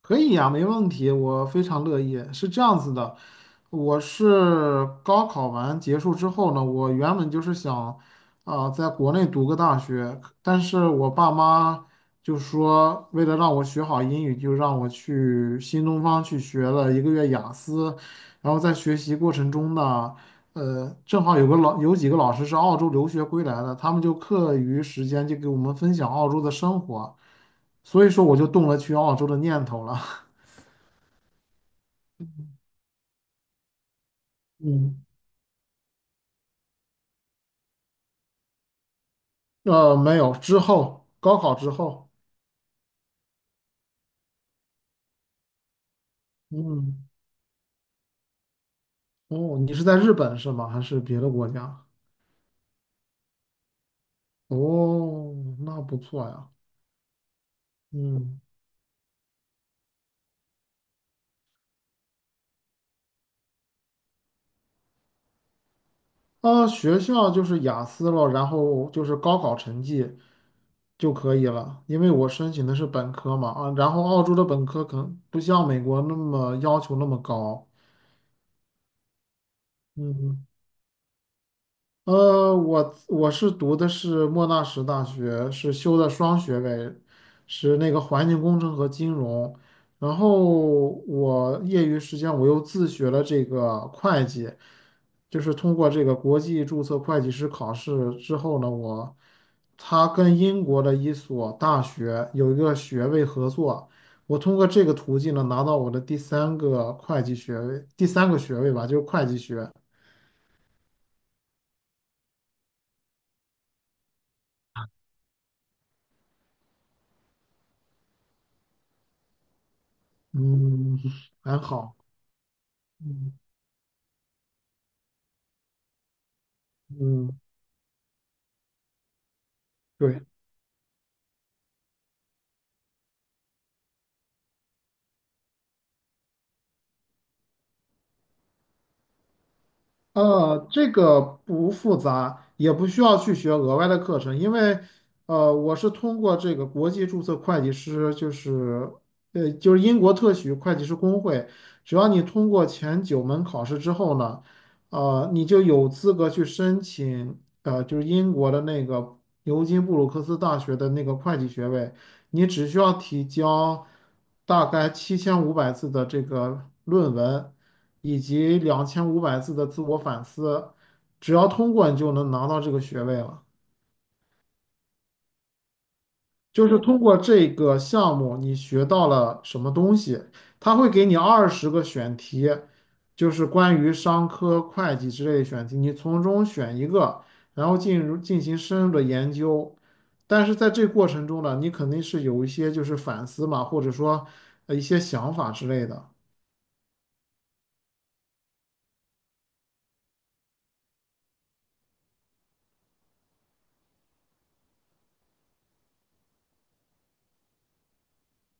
可以呀，没问题，我非常乐意。是这样子的，我是高考完结束之后呢，我原本就是想，在国内读个大学，但是我爸妈就说，为了让我学好英语，就让我去新东方去学了1个月雅思，然后在学习过程中呢，正好有个几个老师是澳洲留学归来的，他们就课余时间就给我们分享澳洲的生活，所以说我就动了去澳洲的念头了。嗯，没有，之后高考之后。嗯。哦，你是在日本是吗？还是别的国家？哦，那不错呀。嗯。啊，学校就是雅思了，然后就是高考成绩就可以了，因为我申请的是本科嘛，啊，然后澳洲的本科可能不像美国那么要求那么高。嗯。我是读的是莫纳什大学，是修的双学位，是那个环境工程和金融。然后我业余时间我又自学了这个会计，就是通过这个国际注册会计师考试之后呢，我他跟英国的一所大学有一个学位合作，我通过这个途径呢拿到我的第三个会计学位，第三个学位吧，就是会计学。嗯，还好。嗯。嗯。对。这个不复杂，也不需要去学额外的课程，因为我是通过这个国际注册会计师，就是就是英国特许会计师工会，只要你通过前9门考试之后呢，你就有资格去申请，就是英国的那个牛津布鲁克斯大学的那个会计学位。你只需要提交大概7500字的这个论文，以及2500字的自我反思，只要通过你就能拿到这个学位了。就是通过这个项目，你学到了什么东西？他会给你20个选题，就是关于商科、会计之类的选题，你从中选一个，然后进行深入的研究。但是在这过程中呢，你肯定是有一些就是反思嘛，或者说一些想法之类的。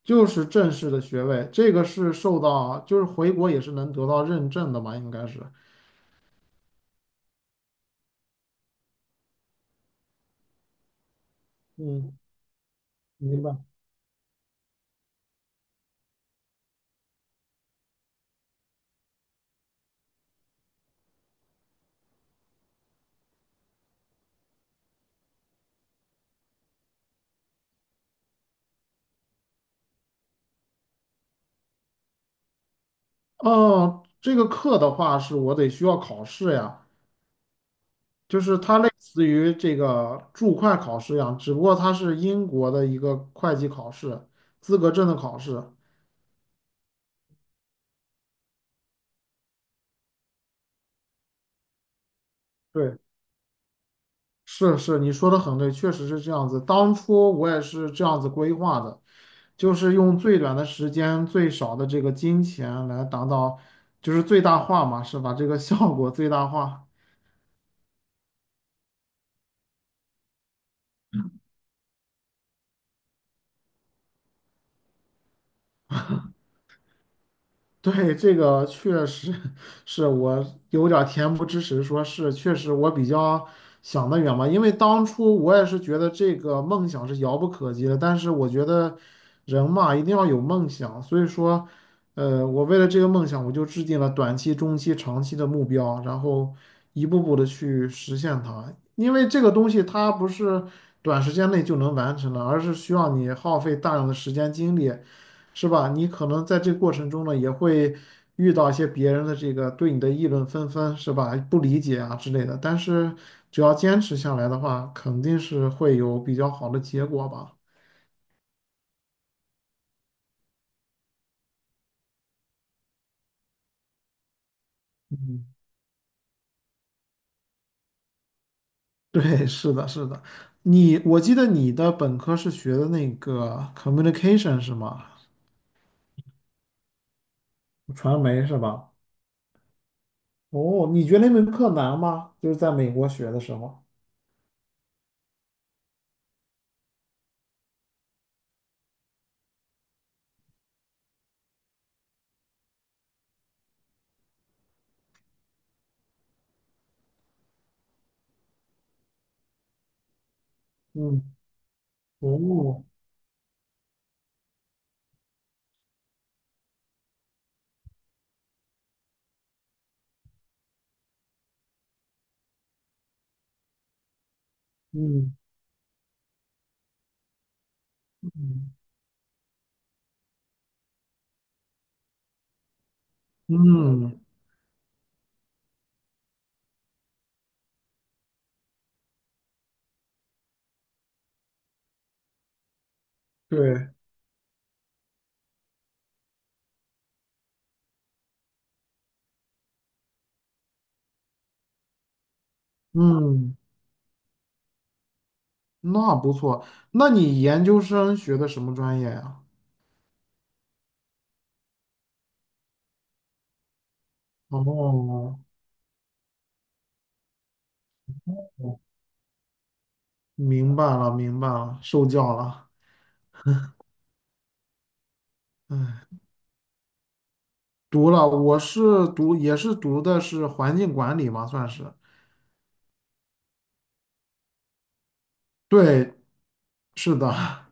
就是正式的学位，这个是受到就是回国也是能得到认证的嘛，应该是。嗯，明白。哦，这个课的话是我得需要考试呀，就是它类似于这个注会考试一样，只不过它是英国的一个会计考试，资格证的考试。对，是，你说的很对，确实是这样子。当初我也是这样子规划的，就是用最短的时间、最少的这个金钱来达到，就是最大化嘛，是把这个效果最大化。对，这个确实是我有点儿恬不知耻，说是确实我比较想得远嘛，因为当初我也是觉得这个梦想是遥不可及的，但是我觉得人嘛一定要有梦想，所以说，我为了这个梦想，我就制定了短期、中期、长期的目标，然后一步步的去实现它，因为这个东西它不是短时间内就能完成的，而是需要你耗费大量的时间精力。是吧？你可能在这个过程中呢，也会遇到一些别人的这个对你的议论纷纷，是吧？不理解啊之类的。但是只要坚持下来的话，肯定是会有比较好的结果吧。嗯，对，是的，是的。你，我记得你的本科是学的那个 communication 是吗？传媒是吧？哦，你觉得那门课难吗？就是在美国学的时候。嗯。哦。嗯。嗯。嗯，对。嗯。那不错。那你研究生学的什么专业呀？哦，明白了，明白了，受教了。读了。我是读，也是读的是环境管理嘛，算是。对，是的。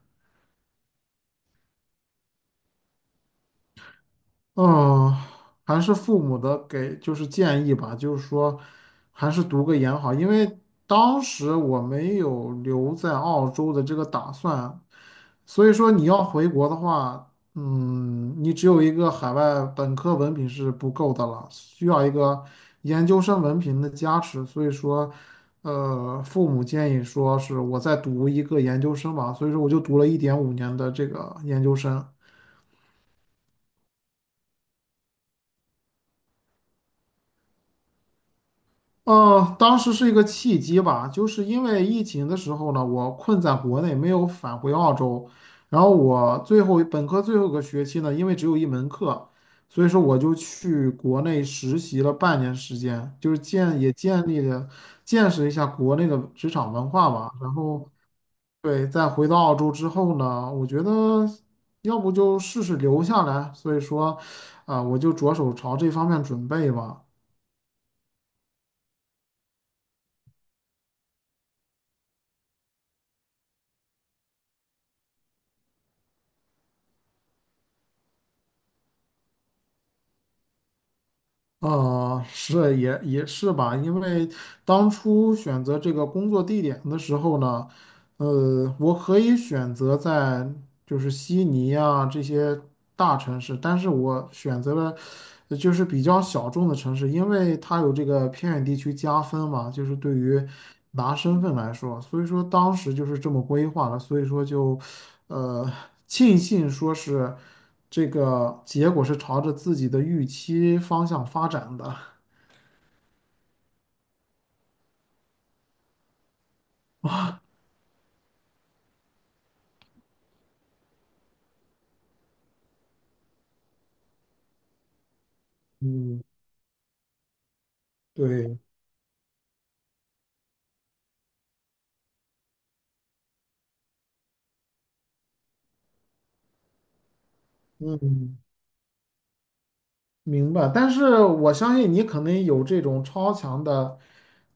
嗯，还是父母的给就是建议吧，就是说还是读个研好，因为当时我没有留在澳洲的这个打算，所以说你要回国的话，嗯，你只有一个海外本科文凭是不够的了，需要一个研究生文凭的加持，所以说，父母建议说是我再读一个研究生吧，所以说我就读了1.5年的这个研究生。当时是一个契机吧，就是因为疫情的时候呢，我困在国内没有返回澳洲，然后我最后本科最后一个学期呢，因为只有一门课，所以说我就去国内实习了半年时间，就是建立了见识一下国内的职场文化吧。然后对，再回到澳洲之后呢，我觉得要不就试试留下来，所以说，我就着手朝这方面准备吧。是也是吧，因为当初选择这个工作地点的时候呢，我可以选择在就是悉尼啊这些大城市，但是我选择了就是比较小众的城市，因为它有这个偏远地区加分嘛，就是对于拿身份来说，所以说当时就是这么规划了，所以说就呃庆幸说是这个结果是朝着自己的预期方向发展的。嗯，对，嗯。明白，但是我相信你可能有这种超强的，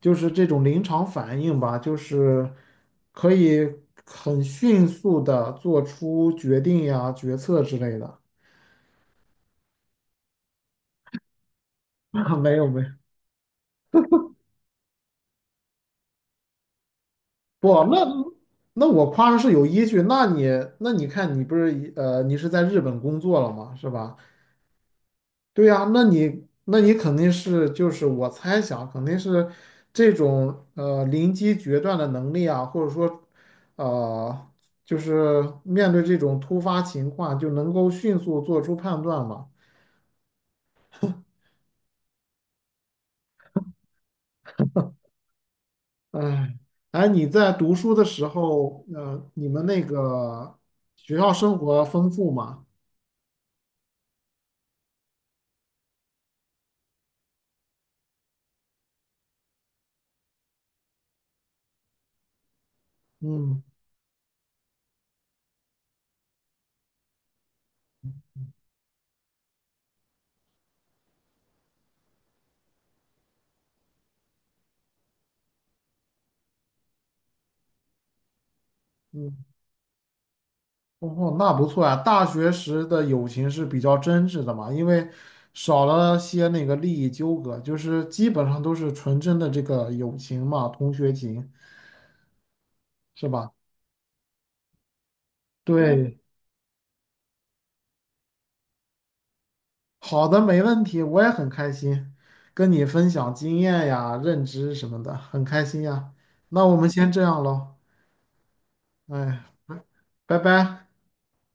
就是这种临场反应吧，就是可以很迅速的做出决定呀、决策之类的。没有没有。不，那那我夸的是有依据。那你看，你不是你是在日本工作了嘛，是吧？对呀，那你肯定是就是我猜想肯定是这种临机决断的能力啊，或者说呃就是面对这种突发情况就能够迅速做出判断嘛。哎，哎，你在读书的时候，你们那个学校生活丰富吗？嗯。嗯。哦，那不错呀。大学时的友情是比较真挚的嘛，因为少了些那个利益纠葛，就是基本上都是纯真的这个友情嘛，同学情，是吧？对，好的，没问题，我也很开心跟你分享经验呀、认知什么的，很开心呀。那我们先这样喽，哎，拜拜。